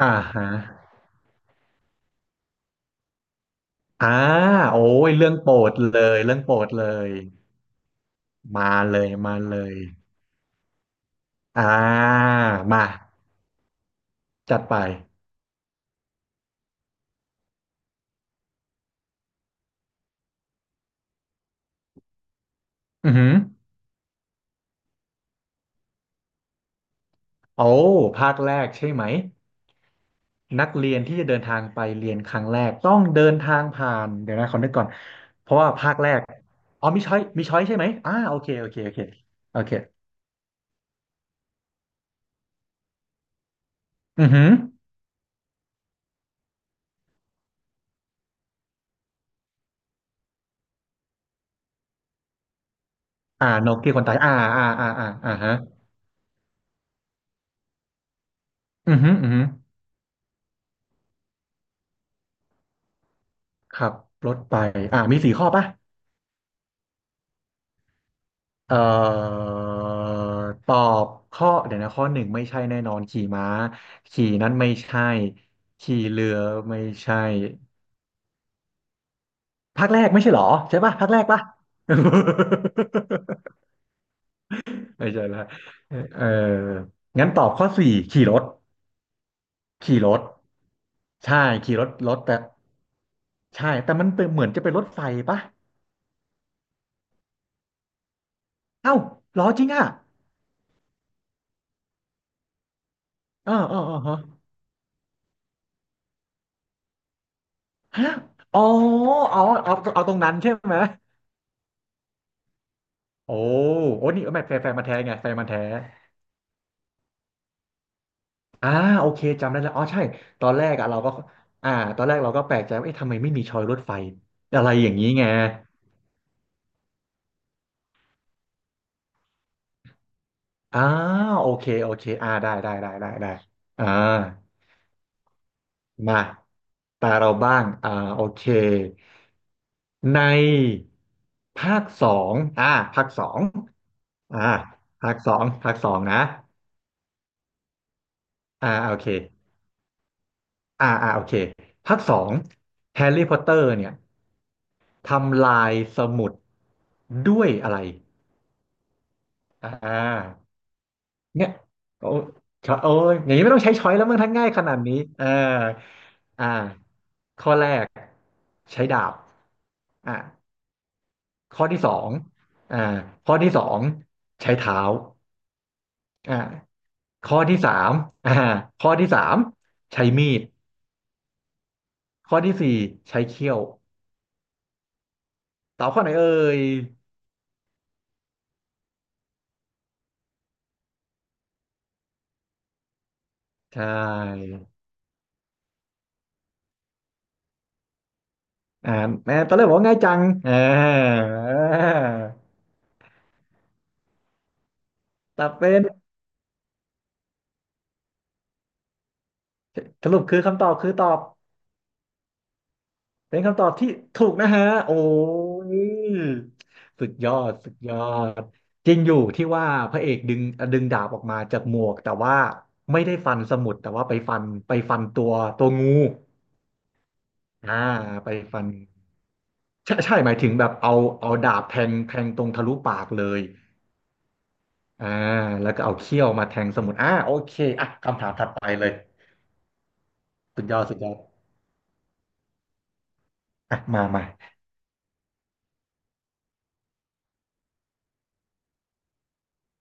อ่าฮะอ่าโอ้ยเรื่องโปรดเลยเรื่องโปรดเลยมาเลยมาเลยอ่ามาจัดไปอือหือโอ้ภาคแรกใช่ไหมนักเรียนที่จะเดินทางไปเรียนครั้งแรกต้องเดินทางผ่านเดี๋ยวนะขอนึกก่อนเพราะว่าภาคแรกมีช้อยมีช้อยใช่ไหมโอเคโอเคอือหืออ่าโนเกียคนตายอ่าฮะอือหืออือหือขับรถไปมีสี่ข้อป่ะ เอ่อตอบข้อเดี๋ยวนะข้อหนึ่งไม่ใช่แน่นอนขี่ม้าขี่นั้นไม่ใช่ขี่เรือไม่ใช่ภาคแรกไม่ใช่เหรอใช่ป่ะภาคแรกป่ะ ไม่ใช่ละเอองั้นตอบข้อสี่ขี่รถขี่รถใช่ขี่รถรถแต่ใช่แต่มันเป็นเหมือนจะเป็นรถไฟป่ะเอ้าเหรอจริงอ่ะเออฮะฮะอ๋ออ๋อเอาตรงนั้นใช่ไหม โอ้โอ้นี่ไม่แฟนมาแท้ไงแฟนมาแท้อ่าโอเคจำได้แล้วอ๋อใช่ตอนแรกอะเราก็อ่าตอนแรกเราก็แปลกใจว่าเอ๊ะทำไมไม่มีชอยรถไฟ อะไรอย่างนี้ไงอ่าโอเคโอเคได้อ่ามาตาเราบ้างโอเคในภาคสองภาคสองอ่าภาคสองนะโอเคโอเคภาคสองแฮร์รี่พอตเตอร์เนี่ย ทำลายสมุดด้วยอะไรอ่าเนี่ยโอ้โอ้ยอย่างนี้ไม่ต้องใช้ช้อยแล้วมั้งทั้งง่ายขนาดนี้อ่าข้อแรกใช้ดาบอ่าข้อที่สองอ่าข้อที่สองใช้เท้าอ่าข้อที่สามอ่าข้อที่สามใช้มีด ข้อที่สี่ใช้เขี้ยวตอบข้อไหนเอ่ยใช่อ่าแม่ตอนแรกบอกว่าง่ายจังอ่า ตอบเป็นสรุปคือคำตอบคือตอบเป็นคำตอบที่ถูกนะฮะโอ้ยสุดยอดสุดยอดจริงอยู่ที่ว่าพระเอกดึงดาบออกมาจากหมวกแต่ว่าไม่ได้ฟันสมุดแต่ว่าไปฟันตัวงูอ่าไปฟันใช่ใช่หมายถึงแบบเอาดาบแทงตรงทะลุปากเลยอ่าแล้วก็เอาเขี้ยวมาแทงสมุดโอเคอ่ะคำถามถัดไปเลยสุดยอดสุดยอดอ่ะมามา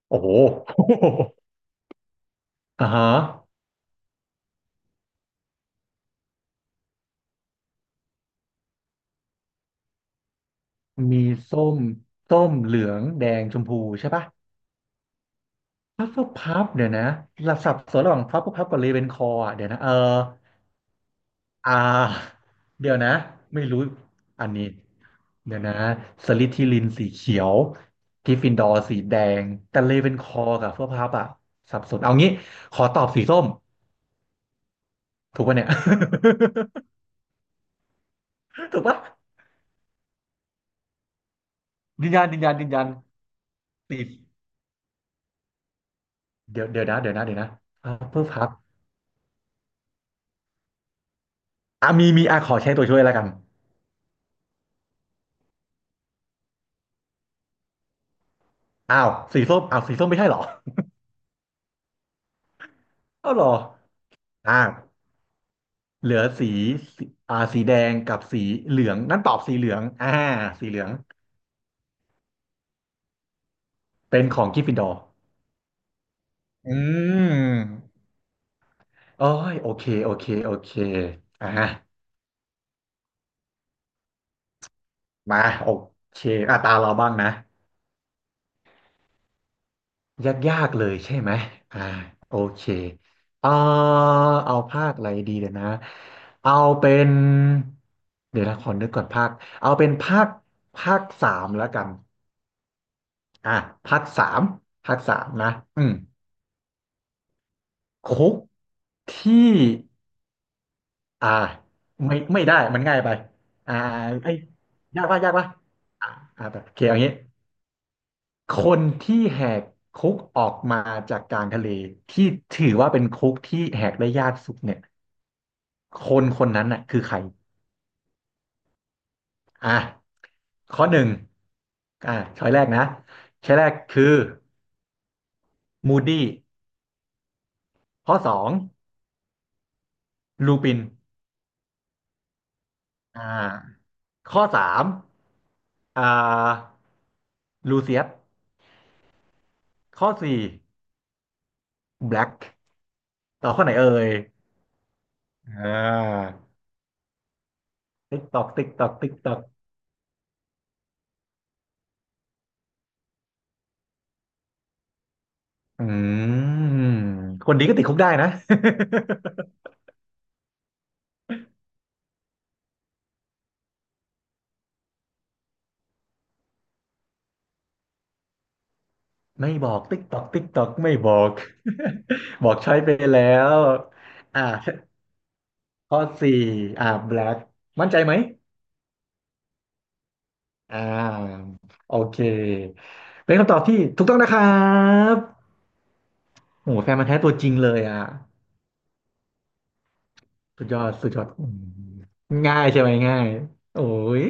โอ้โห ฮะ มีส้ม ส้มเหลืองแดงชมพูใช่ปะพัฟเฟิลพัฟเดี๋ยวนะหลับสับสนระหว่างพัฟเฟิลพับกับเรเวนคอร์อ่ะเดี๋ยวนะอ่าเดี๋ยวนะไม่รู้อันนี้เดี๋ยวนะสลิธีรินสีเขียวกริฟฟินดอร์สีแดงแต่เรเวนคอร์กับพัฟเฟิลพัฟอ่ะสับสนเอางี้ขอตอบสีส้มถูกปะเนี่ย ถูกปะยืนยันยืนยันยืนยันสีเดี๋ยวนะเดี๋ยวนะพัฟเฟิลพัฟอ่ะมีอ่ะขอใช้ตัวช่วยแล้วกัน อ้าวสีส้มไม่ใช่เหรออ้าวเหรออ่าเหลือสีสีสีแดงกับสีเหลืองงั้นตอบสีเหลืองสีเหลืองเป็นของกริฟฟินดอร์อืมโอ้ยโอเคอ่ะมาโอเคอ่ะตาเราบ้างนะยากยากเลยใช่ไหมอ่าโอเคเออเอาภาคอะไรดีเดี๋ยวนะเอาเป็นเดี๋ยวนะขอนึกก่อนภาคเอาเป็นภาคภาคสามแล้วกัน อ่ะภาคสามภาคสามนะอืมคุกที่อ่าไม่ไม่ได้มันง่ายไปอ่าไอ้ยากปะยากปะอ่าแบบโอเคเอางี้คนที่แหกคุกออกมาจากกลางทะเลที่ถือว่าเป็นคุกที่แหกได้ยากสุดเนี่ยคนคนนั้นน่ะคือใครอ่ะข้อหนึ่งอ่าช้อยแรกนะช้อยแรกคือมูดี้ข้อสองลูปินอ่า ข้อสามอ่าลูเซียสข้อสี่แบล็กตอบข้อไหนเอ่ยอ่าติ๊กตอกติ๊กตอกติ๊กตอกอืมคนดีก็ติดคุกได้นะ ไม่บอกติ๊กตอกติ๊กตอกไม่บอก บอกใช้ไปแล้วอ่าข้อสี่แบล็กมั่นใจไหมอ่าโอเคเป็นคำตอบที่ถูกต้องนะครับโอ้โหแฟนมันธุ์แท้ตัวจริงเลยอ่ะ สุดยอดสุดยอดอืมง่ายใช่ไหมง่ายโอ้ย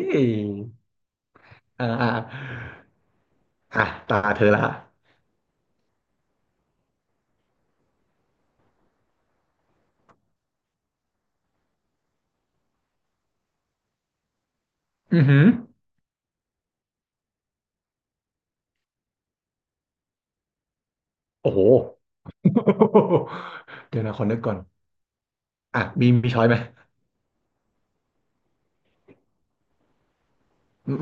อ่าอ่าอ่ะตาเธอละอือหือโอ้โหเดี๋ยวนะขอนึกก่อนอ่ะมีช้อยไหม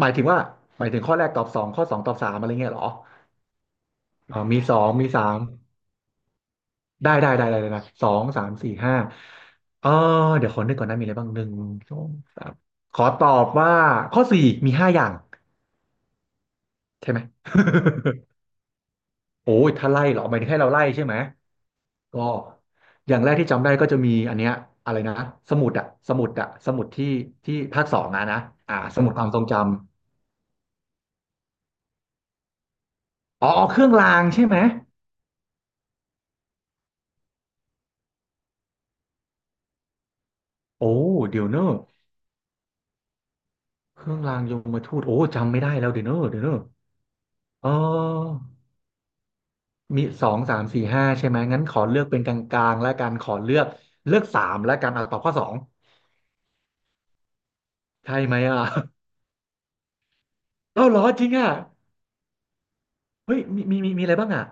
หมายถึงว่าหมายถึงข้อแรกตอบสองข้อสองตอบสามอะไรเงี้ยเหรอมีสองมีสามได้เลยนะสองสามสี่ห้าเออเดี๋ยวขอนึกก่อนนะมีอะไรบ้างหนึ่งสองสามขอตอบว่าข้อสี่มีห้าอย่างใช่ไหม โอ้ยถ้าไล่เหรอหมายถึงให้เราไล่ใช่ไหมก็อย่างแรกที่จำได้ก็จะมีอันเนี้ยอะไรนะสมุดที่ภาคสองอะนะอ่าสมุดความทรงจำอ๋อเครื่องรางใช่ไหมโอ้เดี๋ยวเนอะเครื่องรางยมทูตโอ้จำไม่ได้แล้วเดี๋ยวเนอะเออมีสองสามสี่ห้าใช่ไหมงั้นขอเลือกเป็นกลางๆแล้วกันขอเลือกสามแล้วกันเอาตอบข้อสองใช่ไหมอ่ะ เอ้าเหรอจริงอ่ะเฮ้ยมีอะไรบ้างอ่ะ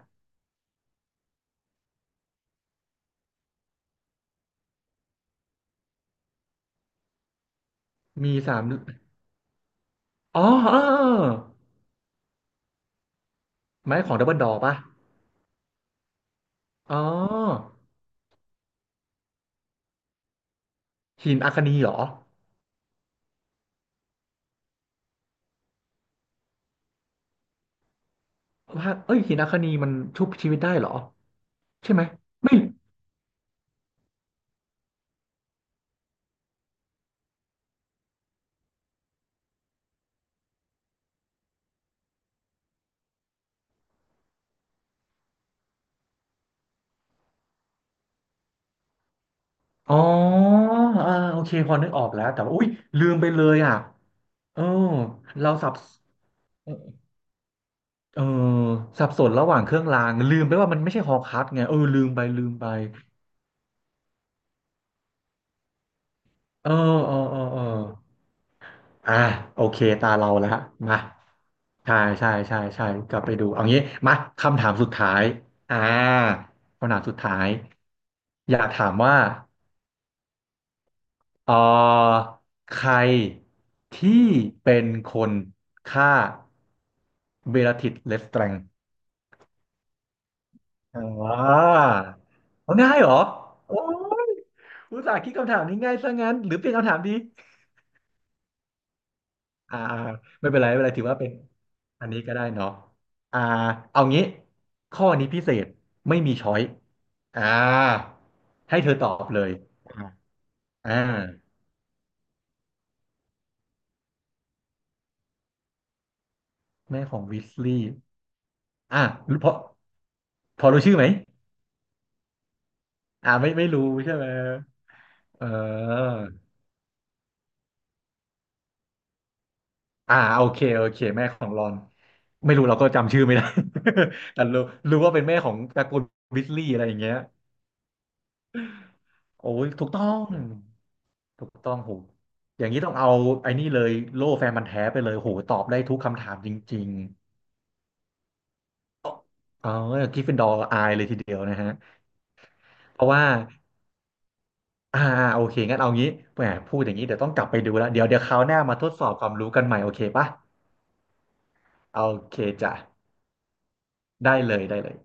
มีสามอ๋อเออ ไม้ของดับเบิลดอร์ป่ะอ๋อหินอัคานีเหรอว่าเอ้ยหินอัคานีมันชุบชีวิตได้เหรอใช่ไหมไม่อ๋ออ่าโอเคพอนึกออกแล้วแต่ว่าอุ้ยลืมไปเลยอ่ะเออเราสับเออสับสนระหว่างเครื่องรางลืมไปว่ามันไม่ใช่ฮอร์ครักซ์ไงเออลืมไปเออเออ อ่าโอเคตาเราแล้วมาใช่ใช่กลับไปดูเอางี้มาคำถามสุดท้ายอ่าคำถามสุดท้ายอยากถามว่าเออใครที่เป็นคนฆ่าเบลลาทิสเลสแตรงอ่าเอาง่ายเหรอโอ้ยอุตส่าห์คิดคำถามนี้ง่ายซะงั้นหรือเปลี่ยนคำถามดี อ่าไม่เป็นไรถือว่าเป็นอันนี้ก็ได้เนาะอ่าเอางี้ข้อนี้พิเศษไม่มีช้อยอ่าให้เธอตอบเลยอ่าแม่ของวิสลีย์อ่ารู้พอพอรู้ชื่อไหมอ่าไม่รู้ใช่ไหมเอออ่าโอเคแม่ของรอนไม่รู้เราก็จำชื่อไม่ได้ แต่รู้ว่าเป็นแม่ของตระกูลวิสลีย์อะไรอย่างเงี้ยโอ้ยถูกต้อง ถูกต้องโหอย่างนี้ต้องเอาไอ้นี่เลยโล่แฟนมันธุ์แท้ไปเลยโหตอบได้ทุกคำถามจริงๆเออกริฟฟินดอร์อายเลยทีเดียวนะฮะเพราะว่าอ่าโอเคงั้นเอางี้แหมพูดอย่างนี้เดี๋ยวต้องกลับไปดูแล้วเดี๋ยวคราวหน้ามาทดสอบความรู้กันใหม่โอเคปะโอเคจ้ะได้เลย